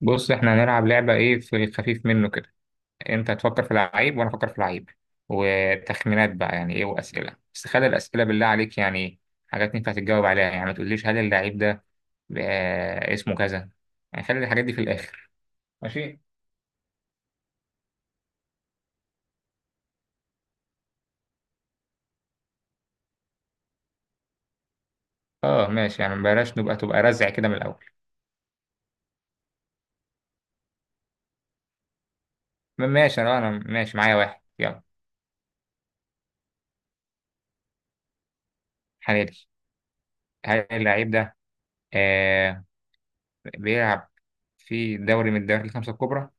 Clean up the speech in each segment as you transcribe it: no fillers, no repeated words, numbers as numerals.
بص احنا هنلعب لعبة ايه في الخفيف منه كده. انت هتفكر في العيب وانا افكر في العيب وتخمينات بقى يعني ايه واسئلة، بس خلي الاسئلة بالله عليك يعني حاجات ينفع تتجاوب عليها. يعني ما تقوليش هل اللعيب ده آه اسمه كذا، يعني خلي الحاجات دي في الاخر. ماشي. اه ماشي، يعني بلاش تبقى رزع كده من الاول. ماشي، انا ماشي، معايا واحد يلا. حلالي. هل اللعيب ده آه بيلعب في دوري من الدوري الخمسة الكبرى؟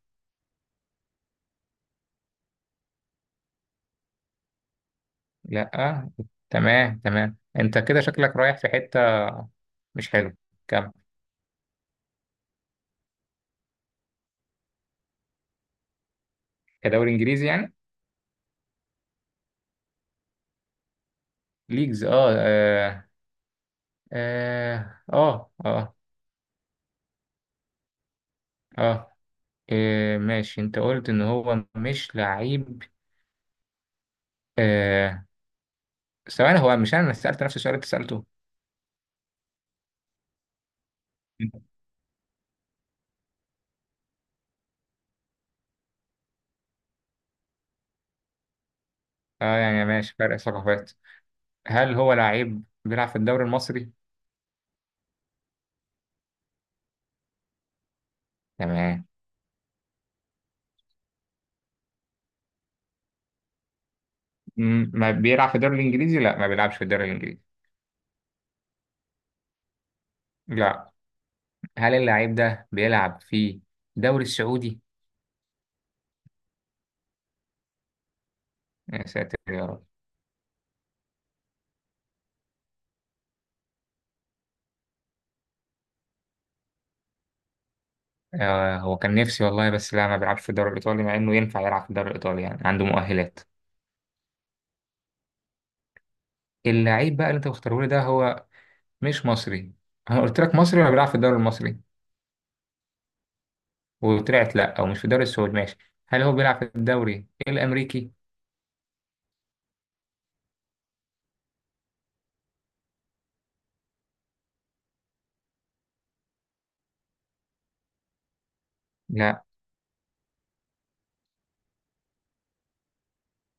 لا. تمام تمام، انت كده شكلك رايح في حتة مش حلو. كم؟ كدوري انجليزي يعني؟ ليجز اه اه. اه اه، آه. آه. آه، ماشي انت قلت ان هو مش لعيب. آه. ثواني، هو مش انا اللي سألت نفس السؤال اللي انت سألته؟ اه، يعني ماشي، فرق ثقافات. هل هو لعيب بيلعب في الدوري المصري؟ تمام. ما بيلعب في الدوري الانجليزي؟ لا ما بيلعبش في الدوري الانجليزي. لا. هل اللعيب ده بيلعب في الدوري السعودي؟ يا ساتر يا رب. آه، هو كان نفسي والله، بس لا ما بيلعبش في الدوري الإيطالي، مع إنه ينفع يلعب في الدوري الإيطالي، يعني عنده مؤهلات. اللعيب بقى اللي أنت مختاره لي ده هو مش مصري. أنا قلت لك مصري ولا بيلعب في الدوري المصري، وطلعت لا. أو مش في الدوري السعودي، ماشي. هل هو بيلعب في الدوري الأمريكي؟ لا.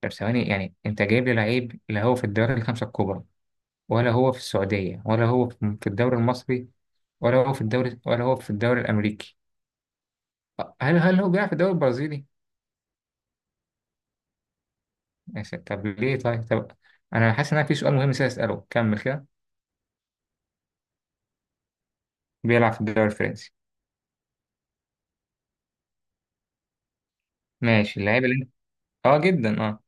طب ثواني، يعني أنت جايب لي لعيب لا هو في الدوري الخمسة الكبرى، ولا هو في السعودية، ولا هو في الدوري المصري، ولا هو في الدوري، ولا هو في الدوري الأمريكي. هل هو بيلعب في الدوري البرازيلي؟ ماشي، طب ليه، طيب طب انا حاسس ان انا في سؤال مهم نسيت اساله، كمل كده. بيلعب في الدوري الفرنسي. ماشي، اللعيبه اللي انت اه جدا اه،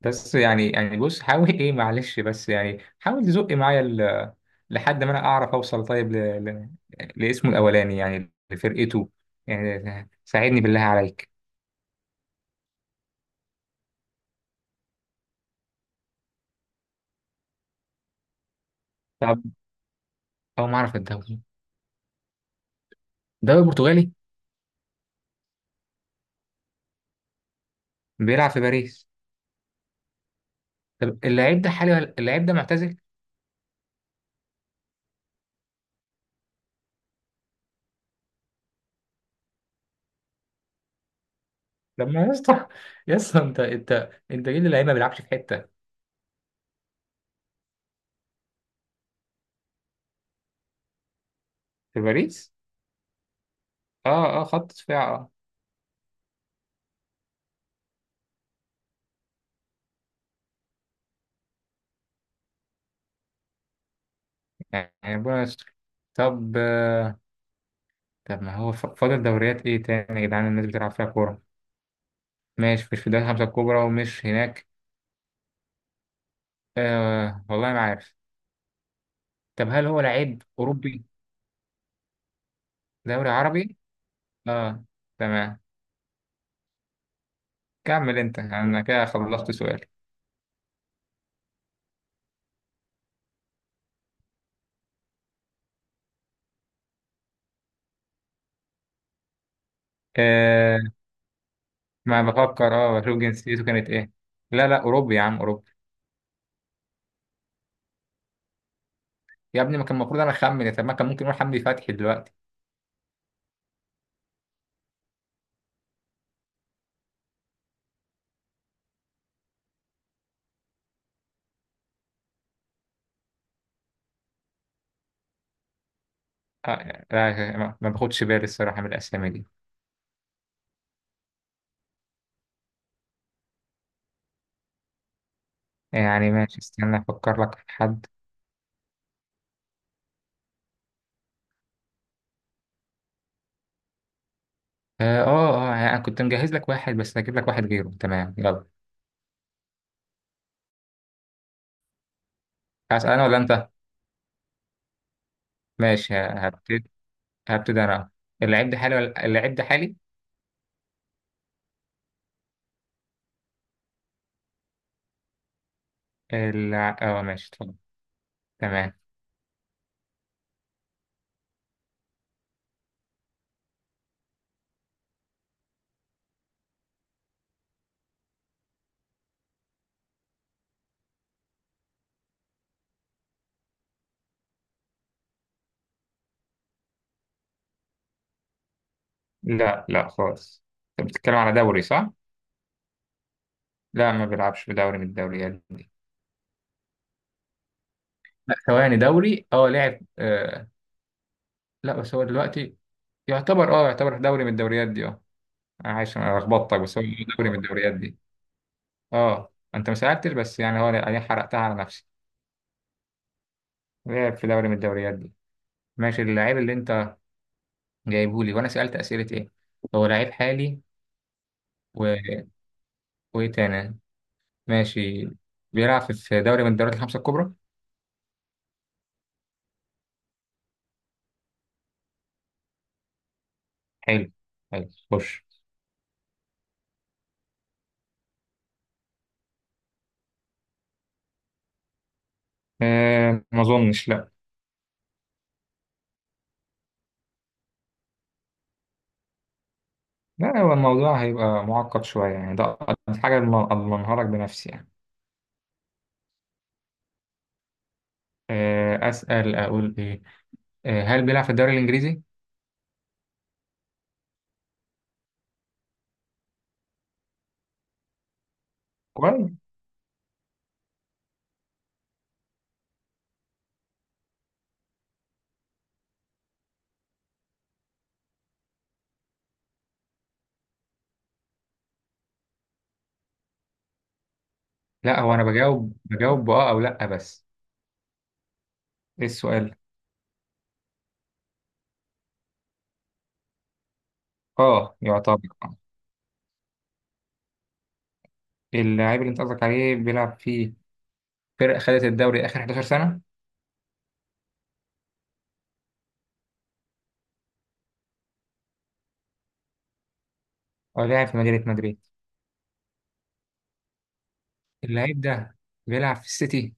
بس يعني يعني بص حاول ايه، معلش، بس يعني حاول تزق معايا ال لحد ما انا اعرف اوصل، طيب ل ل لاسمه الاولاني يعني لفرقته، يعني ساعدني بالله عليك. طب هو ما اعرف الدوري، الدوري البرتغالي؟ بيلعب في باريس. طب اللعيب ده حالي اللعيب ده معتزل؟ لما يا اسطى، يا اسطى انت، انت ليه اللعيب ما بيلعبش في حته. في باريس. اه اه، خط دفاع اه. يعني ربنا يستر. طب طب، ما هو فاضل دوريات ايه تاني يا جدعان الناس بتلعب فيها كورة؟ ماشي مش في الدوري الخمسة الكبرى ومش هناك، آه والله ما عارف. طب هل هو لعيب أوروبي؟ دوري عربي؟ اه، تمام. كمل انت، انا كده خلصت سؤالي. آه، ما بفكر، اه بشوف جنسيته كانت ايه. لا لا أوروبي يا عم أوروبي. يا ابني ما كان المفروض انا اخمن، طب ما كان ممكن يقول حمدي فتحي دلوقتي. آه يعني لا، ما باخدش بالي الصراحة من الأسامي دي. يعني ماشي، استنى افكر لك في حد. اه اه آه، يعني انا كنت مجهز لك واحد بس هجيب لك واحد غيره، تمام يلا. هسأل انا ولا انت؟ ماشي، هبتدي، هبتدي انا. اللعيب ده حالي ولا اللعيب ده حالي؟ اه ماشي اتفضل. تمام. لا لا خالص. انت بتتكلم على دوري صح؟ لا ما بيلعبش في دوري من الدوريات دي. لا ثواني، دوري اه لعب آه، لا بس هو دلوقتي يعتبر، اه يعتبر في دوري من الدوريات دي اه. انا عايش، انا لخبطتك، بس هو دوري من الدوريات دي. اه انت ما سألتش، بس يعني هو انا حرقتها على نفسي. لعب في دوري من الدوريات دي. ماشي، اللعيب اللي انت جايبه لي وانا سألت أسئلة ايه؟ هو لعيب حالي و وايه تاني؟ ماشي، بيلعب في دوري من الدوريات الخمسة الكبرى. حلو، حلو خش. آه ما اظنش لا. لا هو الموضوع هيبقى معقد شوية يعني، ده أقل حاجة اضمنها لك بنفسي يعني. آه، أسأل أقول ايه، آه هل بيلعب في الدوري الإنجليزي؟ كويس. لا هو انا بجاوب بجاوب بآه او لا بس. ايه السؤال؟ اه يعتبر آه. اللاعب اللي انت قصدك عليه بيلعب في فرق خدت الدوري آخر 11 سنة، ولعب في مدينة مدريد. اللعيب ده بيلعب في السيتي.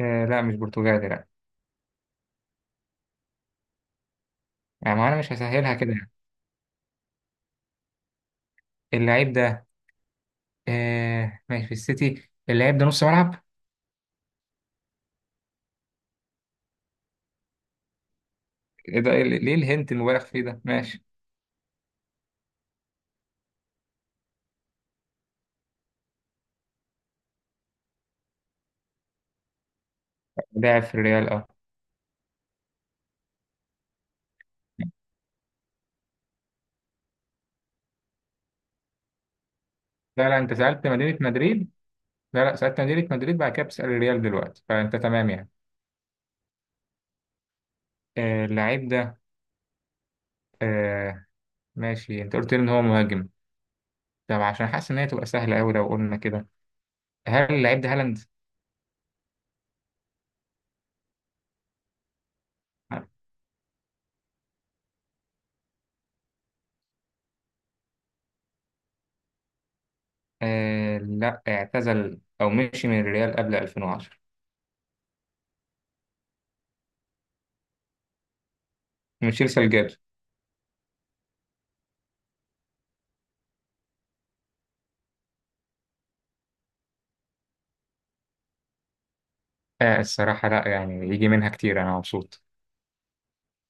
آه لا مش برتغالي لا. يعني ما أنا مش هسهلها كده. اللعيب ده آه ماشي في السيتي. اللعيب ده نص ملعب؟ إيه ده إيه، ليه الهنت المبالغ فيه ده، ماشي. لاعب في الريال اه. لا لا، أنت سألت مدينة مدريد. لا لا، سألت مدينة مدريد، بعد كده بتسأل الريال دلوقتي، فأنت تمام يعني. آه اللعيب ده آه ماشي، أنت قلت لي إن هو مهاجم، طب عشان حاسس إن هي تبقى سهلة أوي لو قلنا كده، هل اللعيب ده هالاند؟ آه لا، اعتزل أو مشي من الريال قبل 2010. ميشيل سالجادو. آه الصراحة لا، يعني يجي منها كتير، أنا مبسوط.